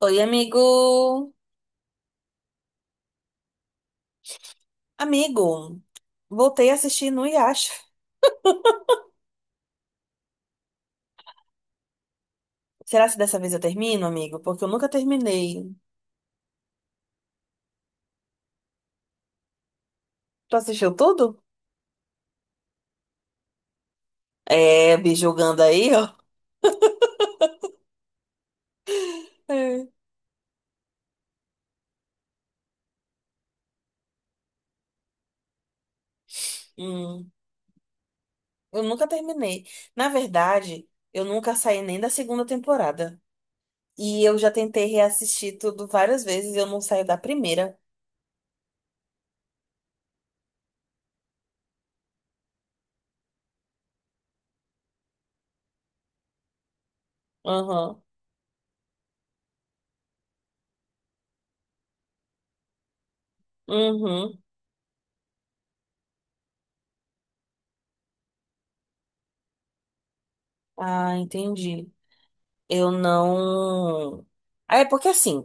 Oi, amigo. Amigo, voltei a assistir no Yasha. Será que dessa vez eu termino, amigo? Porque eu nunca terminei. Tu assistiu tudo? É, me julgando aí, ó. É. Hum, eu nunca terminei. Na verdade, eu nunca saí nem da segunda temporada. E eu já tentei reassistir tudo várias vezes e eu não saio da primeira. Aham. Uhum. Ah, entendi. Eu não. Ah, é porque assim.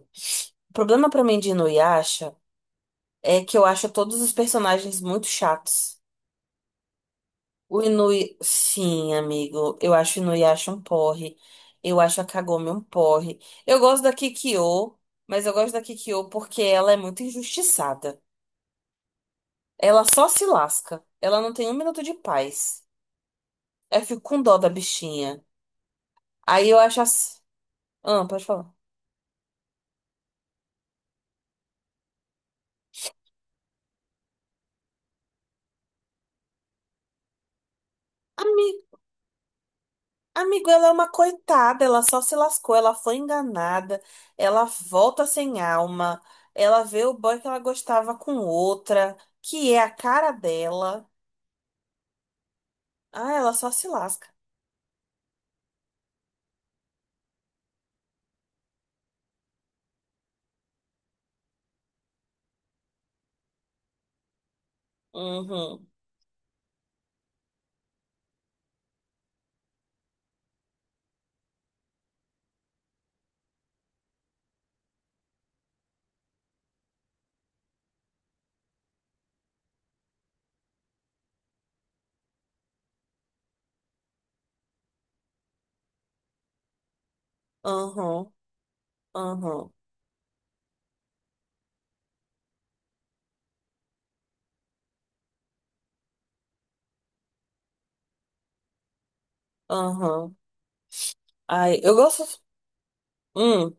O problema pra mim de Inuyasha é que eu acho todos os personagens muito chatos. O Inui, sim, amigo. Eu acho o Inuyasha um porre. Eu acho a Kagome um porre. Eu gosto da Kikyo, mas eu gosto da Kikyo porque ela é muito injustiçada. Ela só se lasca. Ela não tem um minuto de paz. Eu fico com dó da bichinha. Aí eu acho assim. Ah, pode falar. Amigo, ela é uma coitada, ela só se lascou, ela foi enganada, ela volta sem alma, ela vê o boy que ela gostava com outra, que é a cara dela. Ah, ela só se lasca. Uhum, uhum, uhum, uhum. Ai, eu gosto. Hum.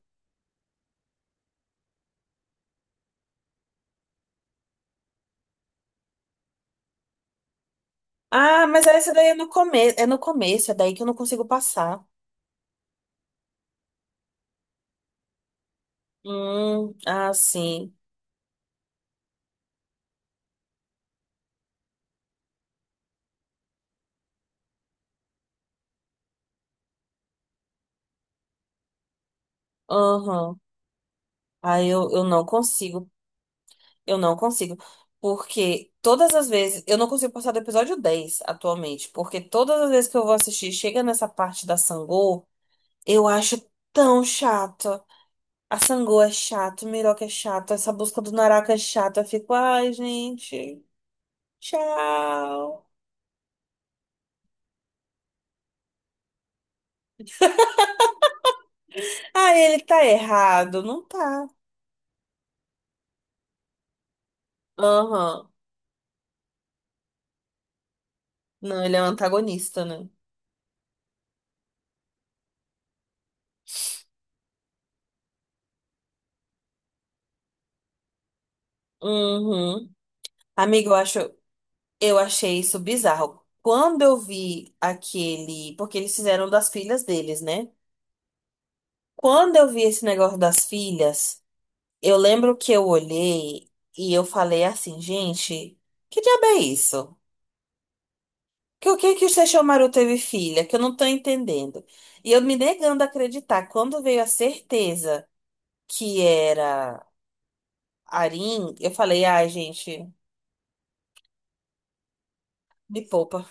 Ah, mas essa daí é no começo, é no começo, é daí que eu não consigo passar. Ah, sim. Uhum. Aí eu não consigo. Eu não consigo. Porque todas as vezes. Eu não consigo passar do episódio 10 atualmente. Porque todas as vezes que eu vou assistir, chega nessa parte da Sangô, eu acho tão chato. A Sangô é chato, o Miroca é chato, essa busca do Naraka é chata. Eu fico, ai, gente, tchau. Ah, ele tá errado. Não tá. Aham. Não, ele é um antagonista, né? Uhum. Amigo, eu acho. Eu achei isso bizarro. Quando eu vi aquele. Porque eles fizeram das filhas deles, né? Quando eu vi esse negócio das filhas, eu lembro que eu olhei e eu falei assim, gente, que diabo é isso? Que o que que o Sesshomaru teve filha? Que eu não tô entendendo. E eu me negando a acreditar. Quando veio a certeza que era Arin, eu falei, ai, gente, me poupa.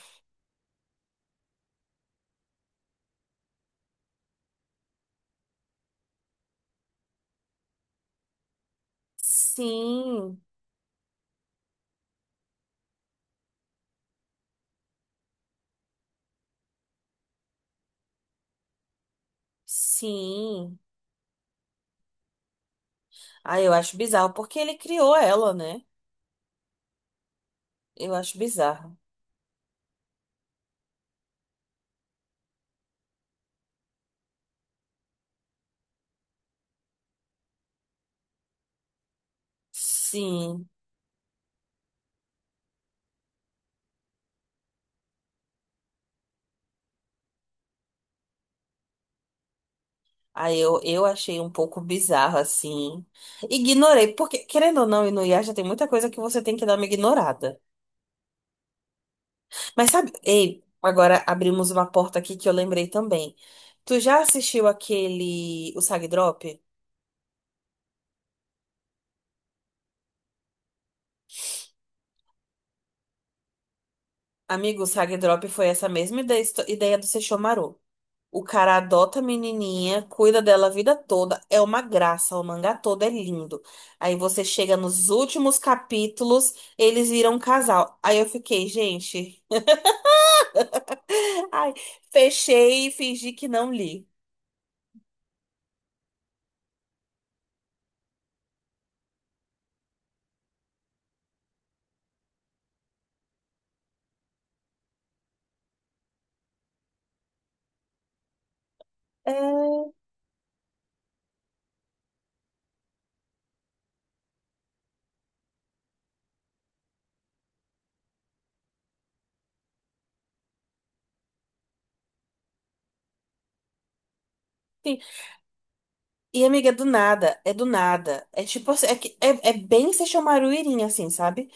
Sim, sim. Ah, eu acho bizarro, porque ele criou ela, né? Eu acho bizarro. Sim. Aí eu achei um pouco bizarro, assim. Ignorei, porque, querendo ou não, e no Inuyasha tem muita coisa que você tem que dar uma ignorada. Mas sabe, ei, agora abrimos uma porta aqui que eu lembrei também. Tu já assistiu aquele, o Sag Drop? Amigo, o Sag Drop foi essa mesma ideia, ideia do Sesshomaru. O cara adota a menininha, cuida dela a vida toda, é uma graça, o mangá todo é lindo. Aí você chega nos últimos capítulos, eles viram um casal. Aí eu fiquei, gente, ai, fechei e fingi que não li. É, sim. E amiga, é do nada, é do nada. É tipo assim, é bem Sesshomaru Irin, assim, sabe?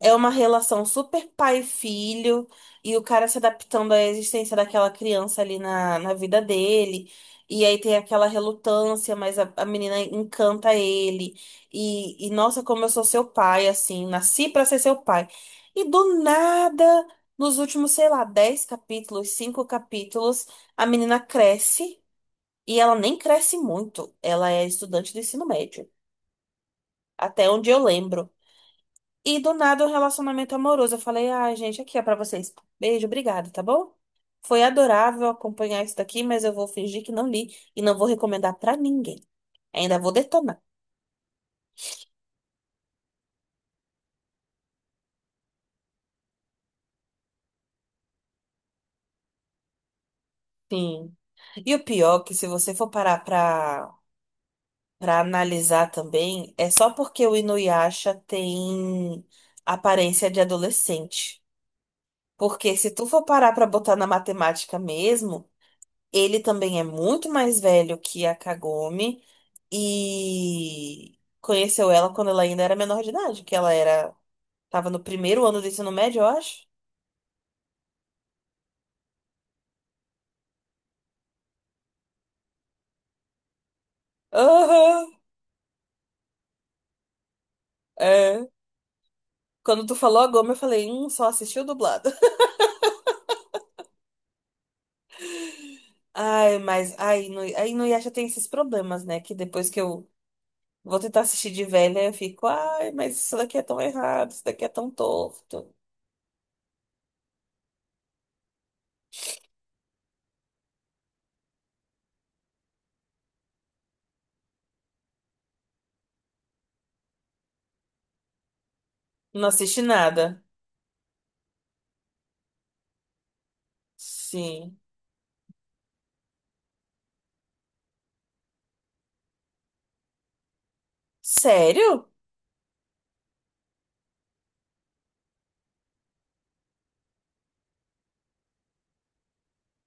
É uma relação super pai-filho e o cara se adaptando à existência daquela criança ali na, na vida dele. E aí tem aquela relutância, mas a menina encanta ele. E nossa, como eu sou seu pai, assim, nasci pra ser seu pai. E do nada, nos últimos, sei lá, 10 capítulos, 5 capítulos, a menina cresce e ela nem cresce muito. Ela é estudante do ensino médio, até onde eu lembro. E do nada o relacionamento amoroso. Eu falei, ai, gente, aqui é pra vocês. Beijo, obrigada, tá bom? Foi adorável acompanhar isso daqui, mas eu vou fingir que não li e não vou recomendar pra ninguém. Ainda vou detonar. Sim. E o pior, é que se você for parar pra, pra analisar também, é só porque o Inuyasha tem aparência de adolescente. Porque se tu for parar pra botar na matemática mesmo. Ele também é muito mais velho que a Kagome e conheceu ela quando ela ainda era menor de idade, que ela era, tava no primeiro ano do ensino médio, eu acho. Aham, é. Quando tu falou a Goma, eu falei, só assistiu dublado. Ai, mas aí no Yasha tem esses problemas, né? Que depois que eu vou tentar assistir de velha, eu fico, ai, mas isso daqui é tão errado, isso daqui é tão torto. Não assisti nada. Sim. Sério?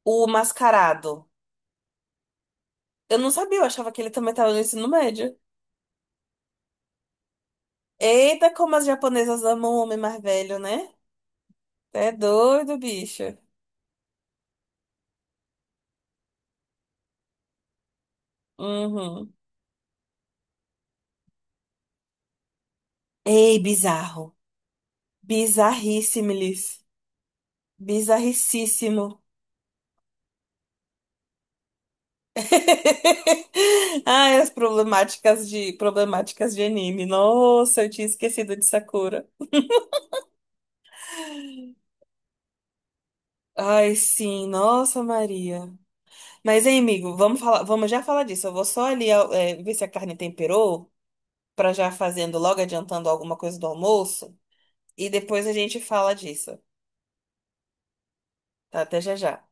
O Mascarado. Eu não sabia, eu achava que ele também tava no ensino médio. Eita, como as japonesas amam o homem mais velho, né? É doido, bicho. Uhum. Ei, bizarro. Bizarríssimilis. Bizarricíssimo. Ai, as problemáticas de anime. Nossa, eu tinha esquecido de Sakura. Ai, sim, nossa Maria. Mas, hein, amigo, vamos já falar disso. Eu vou só ali, ver se a carne temperou, pra já fazendo logo adiantando alguma coisa do almoço. E depois a gente fala disso, tá? Até já já.